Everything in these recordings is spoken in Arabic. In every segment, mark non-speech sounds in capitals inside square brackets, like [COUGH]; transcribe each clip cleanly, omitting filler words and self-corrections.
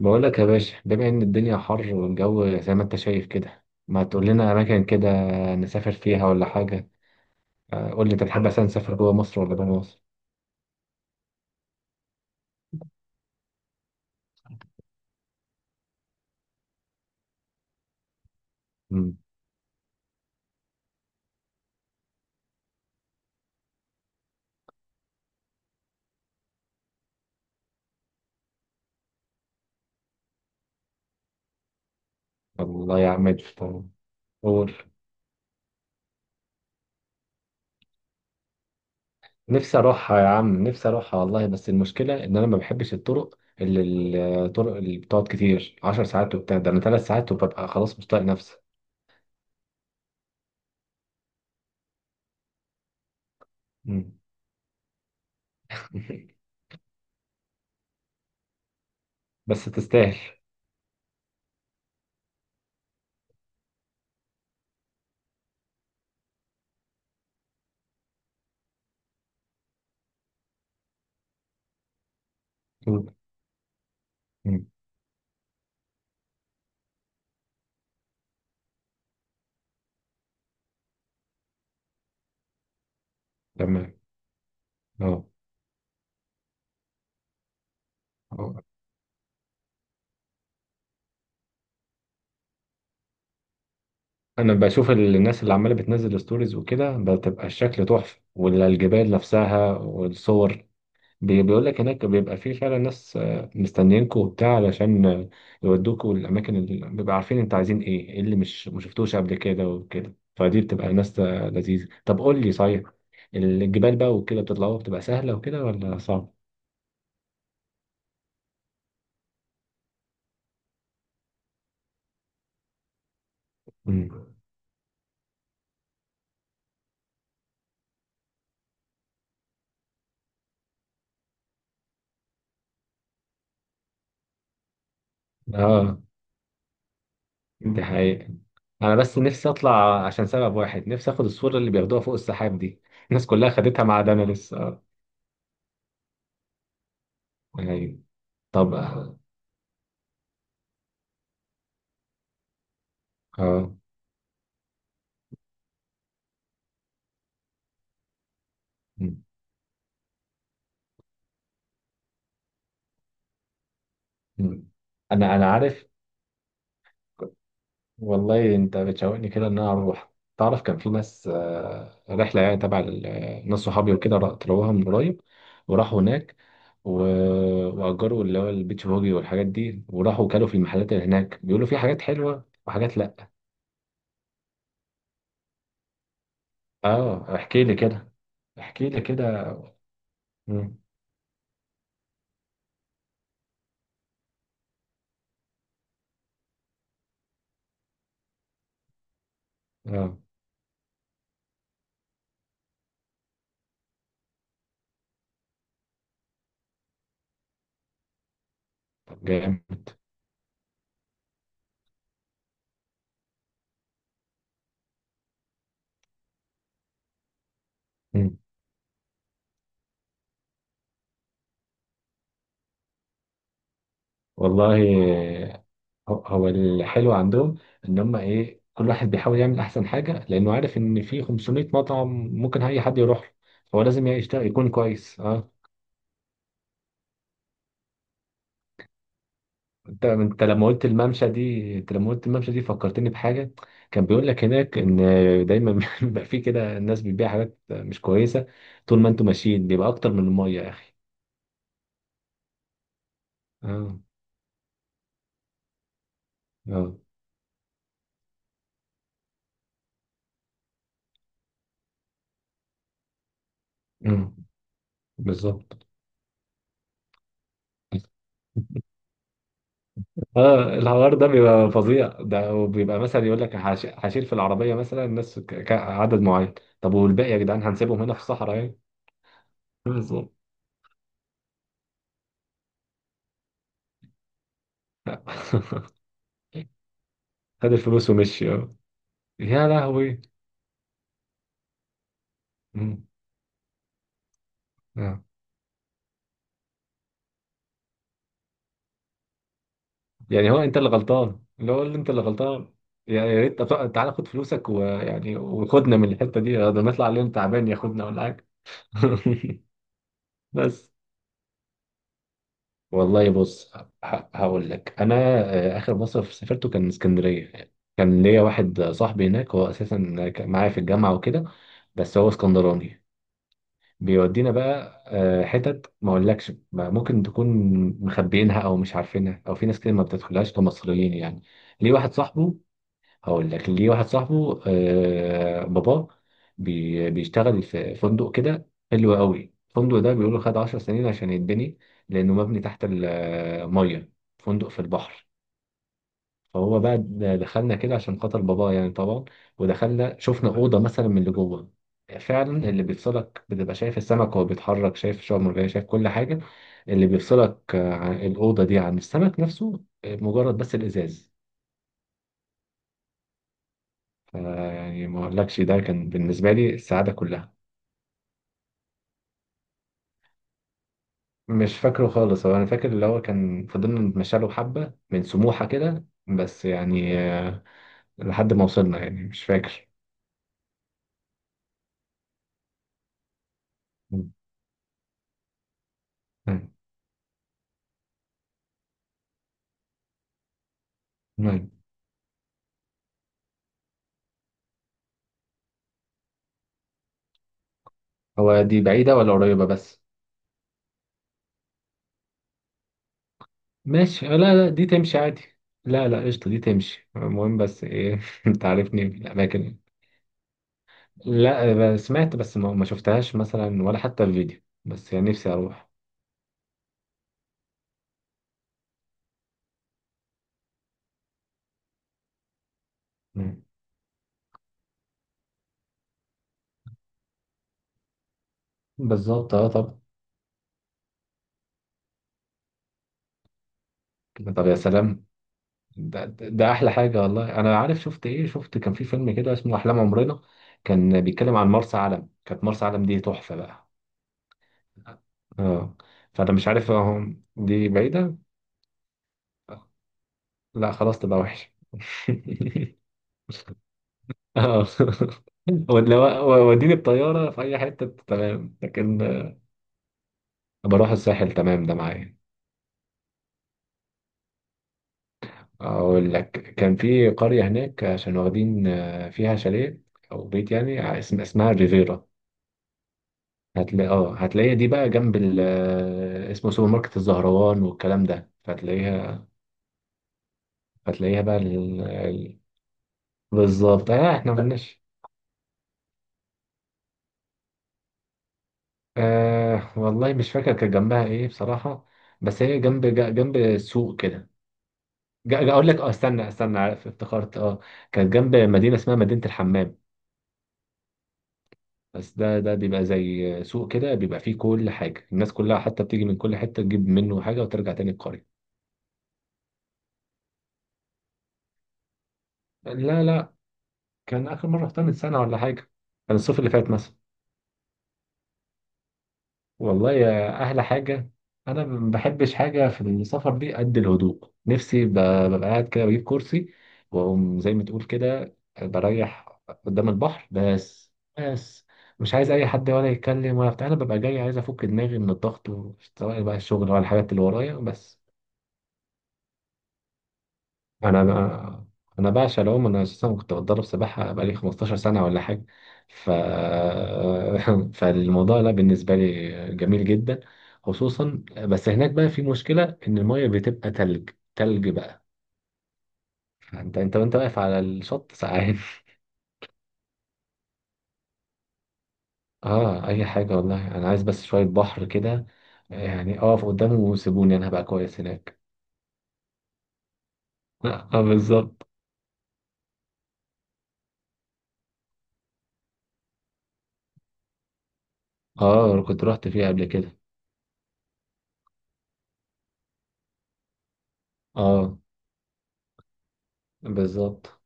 بقول لك يا باشا، بما ان الدنيا حر والجو زي ما انت شايف كده، ما تقول لنا اماكن كده نسافر فيها ولا حاجه. قول لي انت تحب اصلا نسافر جوه مصر ولا بره مصر؟ امم. والله يا عم، طب قول. نفسي اروحها يا عم، نفسي اروحها والله، بس المشكله ان انا ما بحبش الطرق الطرق اللي بتقعد كتير، 10 ساعات وبتاع. ده انا 3 ساعات وببقى خلاص مش طايق نفسي. مم. [LAUGHS] بس تستاهل. مم. مم. تمام. اه. انا بشوف الناس اللي عماله بتنزل ستوريز وكده، بتبقى الشكل تحفه والجبال نفسها والصور. بيقول لك هناك بيبقى فيه فعلا ناس مستنيينكوا وبتاع، علشان يودوكوا الاماكن اللي بيبقى عارفين انت عايزين ايه، إيه اللي مش ما شفتوش قبل كده وكده. فدي بتبقى ناس لذيذه. طب قول لي صحيح، الجبال بقى وكده بتطلعوها، بتبقى سهله وكده ولا صعب؟ مم. اه دي حقيقة. أنا بس نفسي أطلع عشان سبب واحد، نفسي آخد الصورة اللي بياخدوها فوق السحاب دي، الناس كلها خدتها ما عدا أنا لسه. يعني طب آه. آه. مم. مم. أنا عارف. والله أنت بتشوقني كده إن أنا أروح. تعرف كان في ناس رحلة يعني تبع ناس صحابي وكده، طلعوها من قريب وراحوا هناك. و... وأجروا اللي هو البيتش بوجي والحاجات دي، وراحوا وكلوا في المحلات اللي هناك. بيقولوا في حاجات حلوة وحاجات لأ. آه احكي لي كده. احكي لي كده. مم. اه طب جامد. مم. والله هو هو الحلو عندهم ان هم ايه، كل واحد بيحاول يعمل احسن حاجه، لانه عارف ان في 500 مطعم ممكن اي حد يروح له. فهو لازم يشتغل يكون كويس. اه. انت لما قلت الممشى دي، فكرتني بحاجه. كان بيقول لك هناك ان دايما [LAUGHS] بيبقى في كده الناس بتبيع حاجات مش كويسه، طول ما انتوا ماشيين بيبقى اكتر من الميه يا اخي. اه اه. مم. بالظبط اه. الحوار ده بيبقى فظيع، ده وبيبقى مثلا يقول لك هشيل في العربيه مثلا الناس عدد معين. طب والباقي يا جدعان هنسيبهم هنا في الصحراء يعني؟ بالظبط. [LAUGHS] خد الفلوس ومشي اه. يا لهوي. مم. آه. يعني هو انت اللي غلطان، اللي هو اللي انت اللي غلطان. يا ريت طب تعالى خد فلوسك ويعني، وخدنا من الحته دي، ده نطلع عليهم تعبان، ياخدنا ولا حاجه. [LAUGHS] بس والله بص هقول لك انا. اخر مصيف سافرته كان اسكندريه. كان ليا واحد صاحبي هناك، هو اساسا كان معايا في الجامعه وكده، بس هو اسكندراني. بيودينا بقى حتت ما اقولكش ما ممكن تكون مخبيينها او مش عارفينها، او في ناس كده ما بتدخلهاش كمصريين يعني. ليه واحد صاحبه، هقول لك ليه واحد صاحبه آه باباه بيشتغل في فندق كده حلو قوي. الفندق ده بيقولوا خد 10 سنين عشان يتبني، لأنه مبني تحت المية، فندق في البحر. فهو بقى دخلنا كده عشان خاطر باباه يعني طبعا. ودخلنا شفنا أوضة مثلا من اللي جوه. فعلا اللي بيفصلك بتبقى شايف السمك وهو بيتحرك، شايف الشعاب المرجانية، شايف كل حاجة. اللي بيفصلك عن الأوضة دي عن السمك نفسه مجرد بس الإزاز. يعني ما اقولكش ده كان بالنسبة لي السعادة كلها. مش فاكره خالص. هو انا فاكر اللي هو كان فضلنا نتمشى له حبة من سموحة كده بس يعني لحد ما وصلنا، يعني مش فاكر. م- م- م. هو دي بعيدة ولا قريبة بس؟ ماشي. لا لا دي تمشي عادي. لا لا قشطة دي تمشي. المهم بس ايه [LAUGHS] انت عارفني في الأماكن. لا سمعت بس ما شفتهاش مثلا ولا حتى الفيديو، بس يعني نفسي أروح. م. بالظبط اه طب. طب يا سلام. ده احلى حاجه، والله انا عارف. شفت ايه، شفت كان في فيلم كده اسمه احلام عمرنا، كان بيتكلم عن مرسى علم. كانت مرسى علم دي تحفه بقى. اه. فانا مش عارف اهو، دي بعيده. لا خلاص تبقى وحش. [LAUGHS] اه وديني الطياره في اي حته تمام، لكن. بروح الساحل تمام ده معايا. اقول لك، كان في قريه هناك عشان واخدين فيها شاليه او بيت يعني، اسمها ريفيرا. هتلاقيها دي بقى جنب ال آه، اسمه سوبر ماركت الزهروان والكلام ده، فتلاقيها. هتلاقيها بقى بالظبط اه، احنا ملناش. آه والله مش فاكر كان جنبها ايه بصراحة، بس هي جنب جنب السوق كده. اقول لك اه. استنى استنى. عارف افتكرت اه. كانت جنب مدينة اسمها مدينة الحمام، بس ده بيبقى زي سوق كده، بيبقى فيه كل حاجة، الناس كلها حتى بتيجي من كل حتة تجيب منه حاجة وترجع تاني القرية. لا لا، كان آخر مرة رحتها من سنة ولا حاجة. كان الصيف اللي فات مثلا. والله يا أحلى حاجة، أنا ما بحبش حاجة في السفر دي قد الهدوء. نفسي ببقى قاعد كده، بجيب كرسي وأقوم زي ما تقول كده، بريح قدام البحر بس. بس مش عايز أي حد ولا يتكلم ولا بتاع. أنا ببقى جاي عايز أفك دماغي من الضغط سواء بقى الشغل ولا الحاجات اللي ورايا بس. انا بقى انا بعشق العوم. انا اساسا كنت بتدرب سباحه بقالي 15 سنه ولا حاجه. ف [LAUGHS] فالموضوع ده بالنسبه لي جميل جدا. خصوصا بس هناك بقى في مشكله ان الميه بتبقى تلج. تلج بقى. انت وانت واقف على الشط ساعات. [LAUGHS] اه اي حاجه، والله انا عايز بس شويه بحر كده، يعني اقف قدامه وسيبوني انا هبقى كويس هناك. [LAUGHS] اه بالظبط. اه كنت رحت فيه قبل كده. اه بالظبط.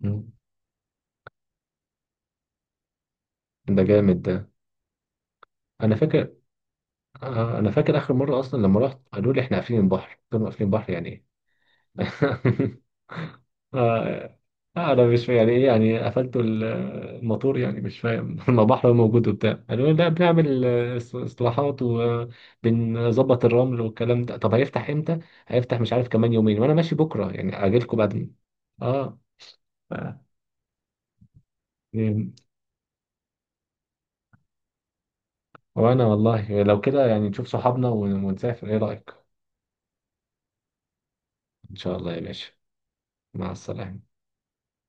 مم. ده جامد ده. انا فاكر. انا فاكر اخر مره اصلا لما رحت قالوا لي احنا قافلين البحر. قلت لهم قافلين البحر يعني ايه؟ [LAUGHS] آه، انا مش فاهم يعني ايه، يعني قفلتوا الموتور يعني مش فاهم. [LAUGHS] ما بحر موجود وبتاع. قالوا لي لا بنعمل اصلاحات وبنظبط الرمل والكلام ده. طب هيفتح امتى؟ هيفتح مش عارف. كمان يومين وانا ماشي بكره يعني، اجيلكم بعد. اه ف- إيه، وانا والله لو كده، يعني نشوف صحابنا ونسافر. ايه رايك؟ ان شاء الله يا باشا. مع السلامه.